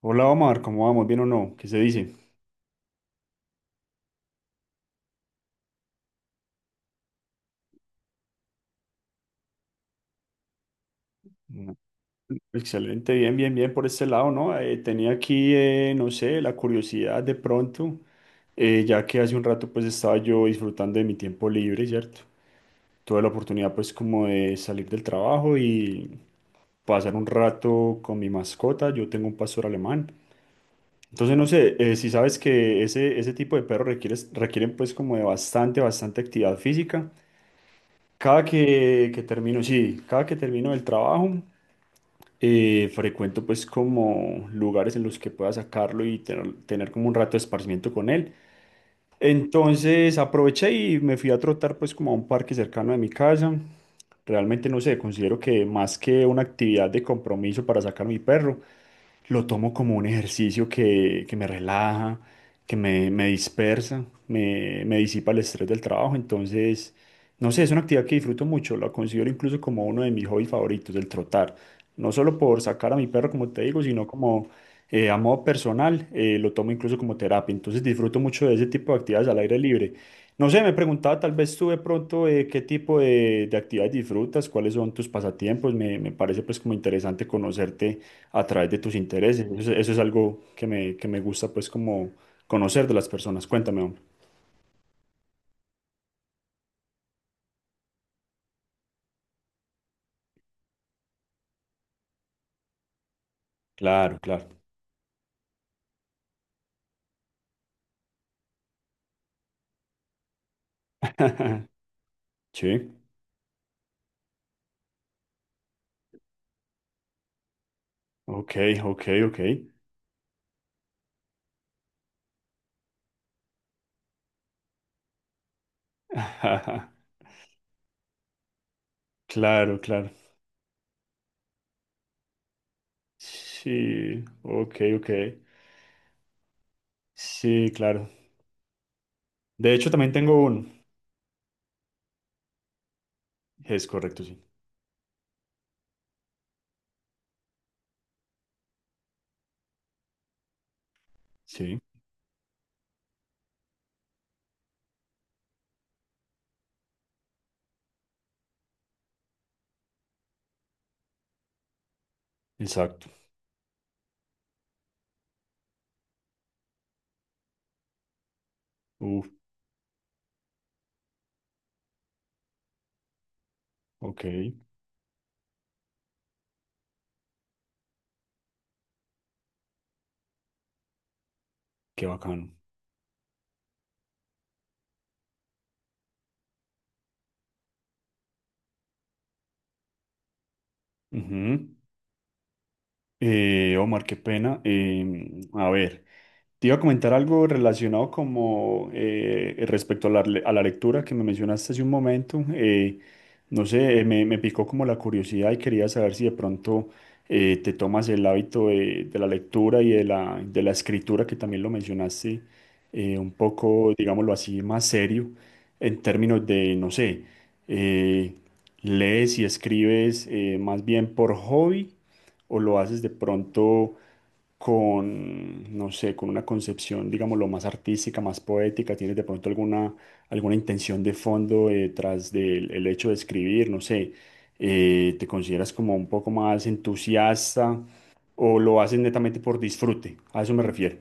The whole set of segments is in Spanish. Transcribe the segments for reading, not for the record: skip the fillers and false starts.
Hola Omar, ¿cómo vamos? ¿Bien o no? ¿Qué se dice? Mm, excelente, bien, bien, bien por este lado, ¿no? Tenía aquí, no sé, la curiosidad de pronto, ya que hace un rato pues estaba yo disfrutando de mi tiempo libre, ¿cierto? Tuve la oportunidad pues como de salir del trabajo y pasar un rato con mi mascota, yo tengo un pastor alemán. Entonces, no sé, si sabes que ese tipo de perros requieren pues como de bastante actividad física. Cada que termino, sí, cada que termino el trabajo, frecuento pues como lugares en los que pueda sacarlo y tener como un rato de esparcimiento con él. Entonces aproveché y me fui a trotar pues como a un parque cercano de mi casa. Realmente no sé, considero que más que una actividad de compromiso para sacar a mi perro, lo tomo como un ejercicio que me relaja, me dispersa, me disipa el estrés del trabajo. Entonces, no sé, es una actividad que disfruto mucho, la considero incluso como uno de mis hobbies favoritos, el trotar. No solo por sacar a mi perro, como te digo, sino como a modo personal, lo tomo incluso como terapia, entonces disfruto mucho de ese tipo de actividades al aire libre. No sé, me preguntaba tal vez tú de pronto qué tipo de actividades disfrutas, cuáles son tus pasatiempos, me parece pues como interesante conocerte a través de tus intereses, eso es algo que me gusta pues como conocer de las personas, cuéntame, hombre. Claro, claro. Sí, ok, ok, ok. Claro, claro. Sí, ok, ok. Sí, claro. De hecho, también tengo uno. Es correcto, sí. Sí, exacto. Uf, ok, qué bacano. Ujú. Omar, qué pena. A ver. Te iba a comentar algo relacionado como respecto a a la lectura que me mencionaste hace un momento. No sé, me picó como la curiosidad y quería saber si de pronto te tomas el hábito de la lectura y de de la escritura, que también lo mencionaste un poco, digámoslo así, más serio en términos de, no sé, eh, lees y escribes más bien por hobby o lo haces de pronto con, no sé, con una concepción, digámoslo, más artística, ¿más poética? ¿Tienes de pronto alguna, alguna intención de fondo detrás del el hecho de escribir? No sé, ¿te consideras como un poco más entusiasta o lo haces netamente por disfrute? A eso me refiero.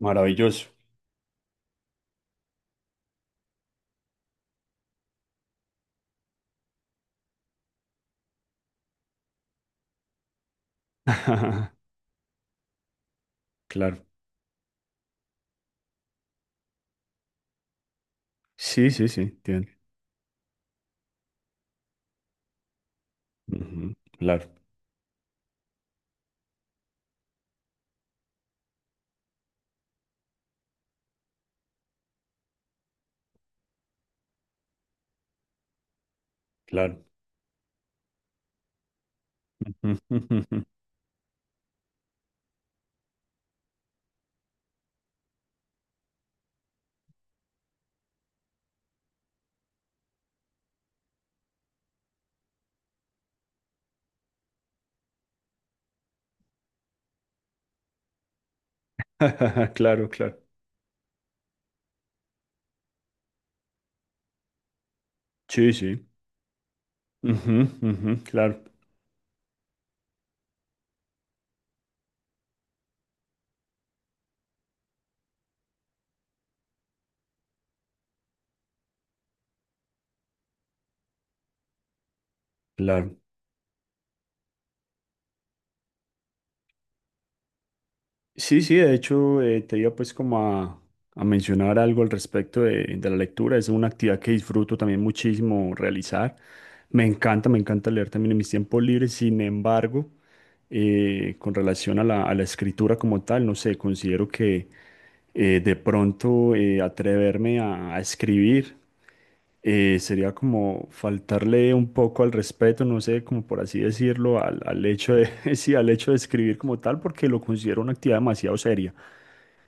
Maravilloso, claro. Sí, sí, sí, entiendo. Ujú, claro, claro. Ujú, ujú, ujú. Claro, claro. Sí, sí. Ujú, ujú, claro, claro. Sí, sí, de hecho, te iba pues como a mencionar algo al respecto de la lectura. Es una actividad que disfruto también muchísimo realizar. Me encanta leer también en mis tiempos libres. Sin embargo, con relación a a la escritura como tal, no sé, considero que de pronto atreverme a escribir sería como faltarle un poco al respeto, no sé, como por así decirlo, al hecho de, sí, al hecho de escribir como tal, porque lo considero una actividad demasiado seria.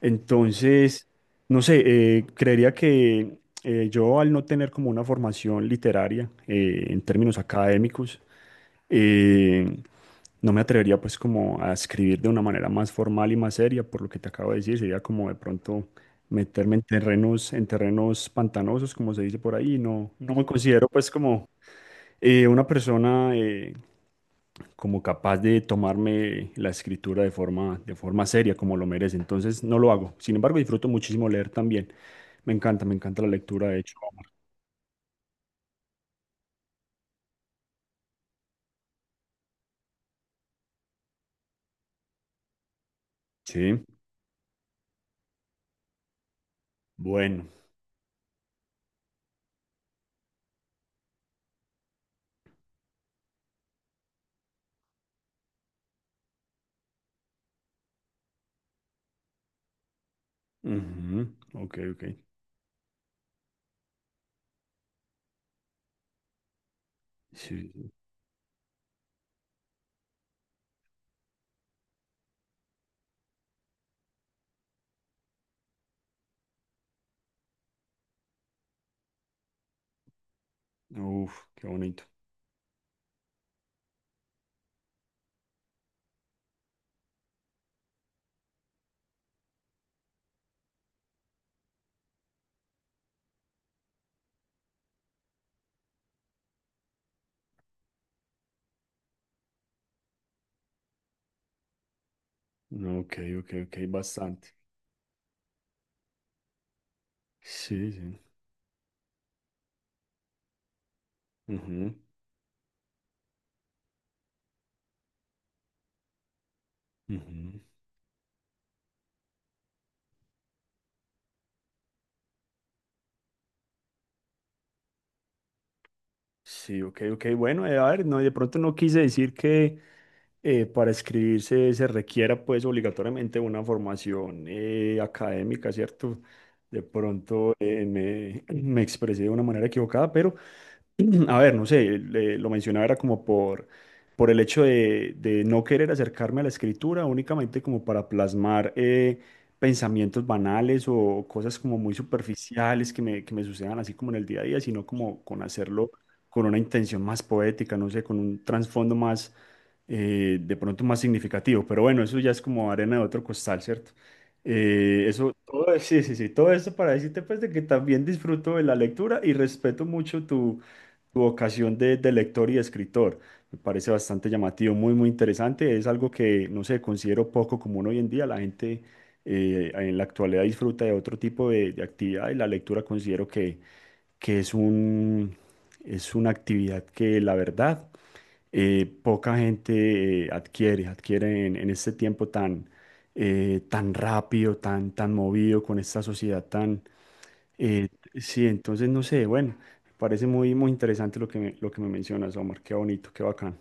Entonces, no sé, creería que yo al no tener como una formación literaria en términos académicos, eh, no me atrevería pues como a escribir de una manera más formal y más seria, por lo que te acabo de decir, sería como de pronto meterme en terrenos pantanosos, como se dice por ahí, no, no me considero pues como una persona como capaz de tomarme la escritura de forma seria, como lo merece. Entonces no lo hago. Sin embargo, disfruto muchísimo leer también. Me encanta la lectura, de hecho. Sí, bueno. Ujú, ok, ok. Sí, sí. Uf, qué bonito. Ok, ok, ok, bastante. Sí, sí. Ujú, ujú. Sí, ok, ok. Bueno, a ver, no, de pronto no quise decir que para escribirse se requiera pues obligatoriamente una formación académica, ¿cierto? De pronto me expresé de una manera equivocada, pero a ver, no sé, lo mencionaba era como por el hecho de no querer acercarme a la escritura únicamente como para plasmar pensamientos banales o cosas como muy superficiales que me sucedan así como en el día a día, sino como con hacerlo con una intención más poética, no sé, con un trasfondo más, de pronto más significativo, pero bueno, eso ya es como arena de otro costal, ¿cierto? Sí, sí, sí, todo esto para decirte pues de que también disfruto de la lectura y respeto mucho tu vocación de lector y de escritor. Me parece bastante llamativo, muy interesante. Es algo que, no sé, considero poco común hoy en día. La gente en la actualidad disfruta de otro tipo de actividad y la lectura considero que es un, es una actividad que la verdad poca gente adquiere en este tiempo tan, tan rápido, tan movido, con esta sociedad tan... eh, sí, entonces no sé, bueno, parece muy interesante lo que me mencionas, Omar, qué bonito, qué bacán.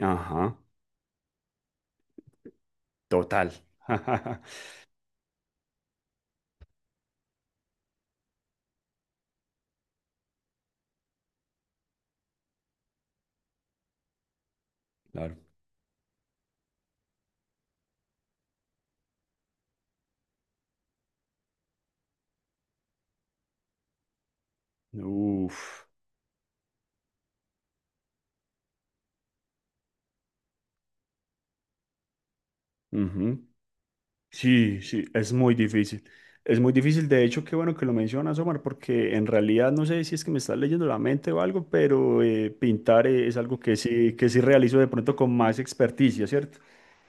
Ajá, total. Claro. Uf. Ujú. Sí, sí, es muy difícil. Es muy difícil, de hecho, qué bueno que lo mencionas, Omar, porque en realidad no sé si es que me estás leyendo la mente o algo, pero pintar es algo que sí realizo de pronto con más experticia, ¿cierto?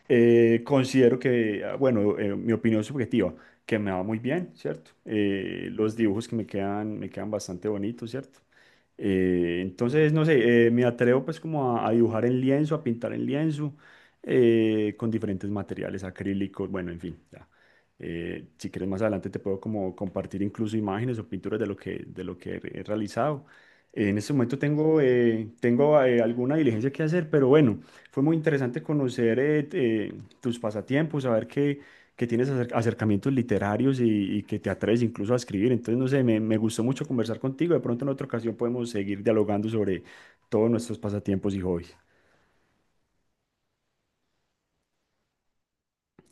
Considero que, ah, bueno, mi opinión subjetiva, que me va muy bien, ¿cierto? Los dibujos que me quedan bastante bonitos, ¿cierto? Entonces, no sé, me atrevo pues como a dibujar en lienzo, a pintar en lienzo con diferentes materiales acrílicos, bueno, en fin, ya. Si quieres más adelante te puedo como compartir incluso imágenes o pinturas de lo de lo que he realizado. En este momento tengo, tengo alguna diligencia que hacer, pero bueno, fue muy interesante conocer tus pasatiempos, saber que tienes acercamientos literarios y que te atreves incluso a escribir. Entonces, no sé, me gustó mucho conversar contigo. De pronto en otra ocasión podemos seguir dialogando sobre todos nuestros pasatiempos y hobbies.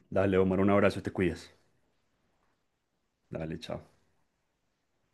Dale, Omar, un abrazo, te cuidas. Dale, chao.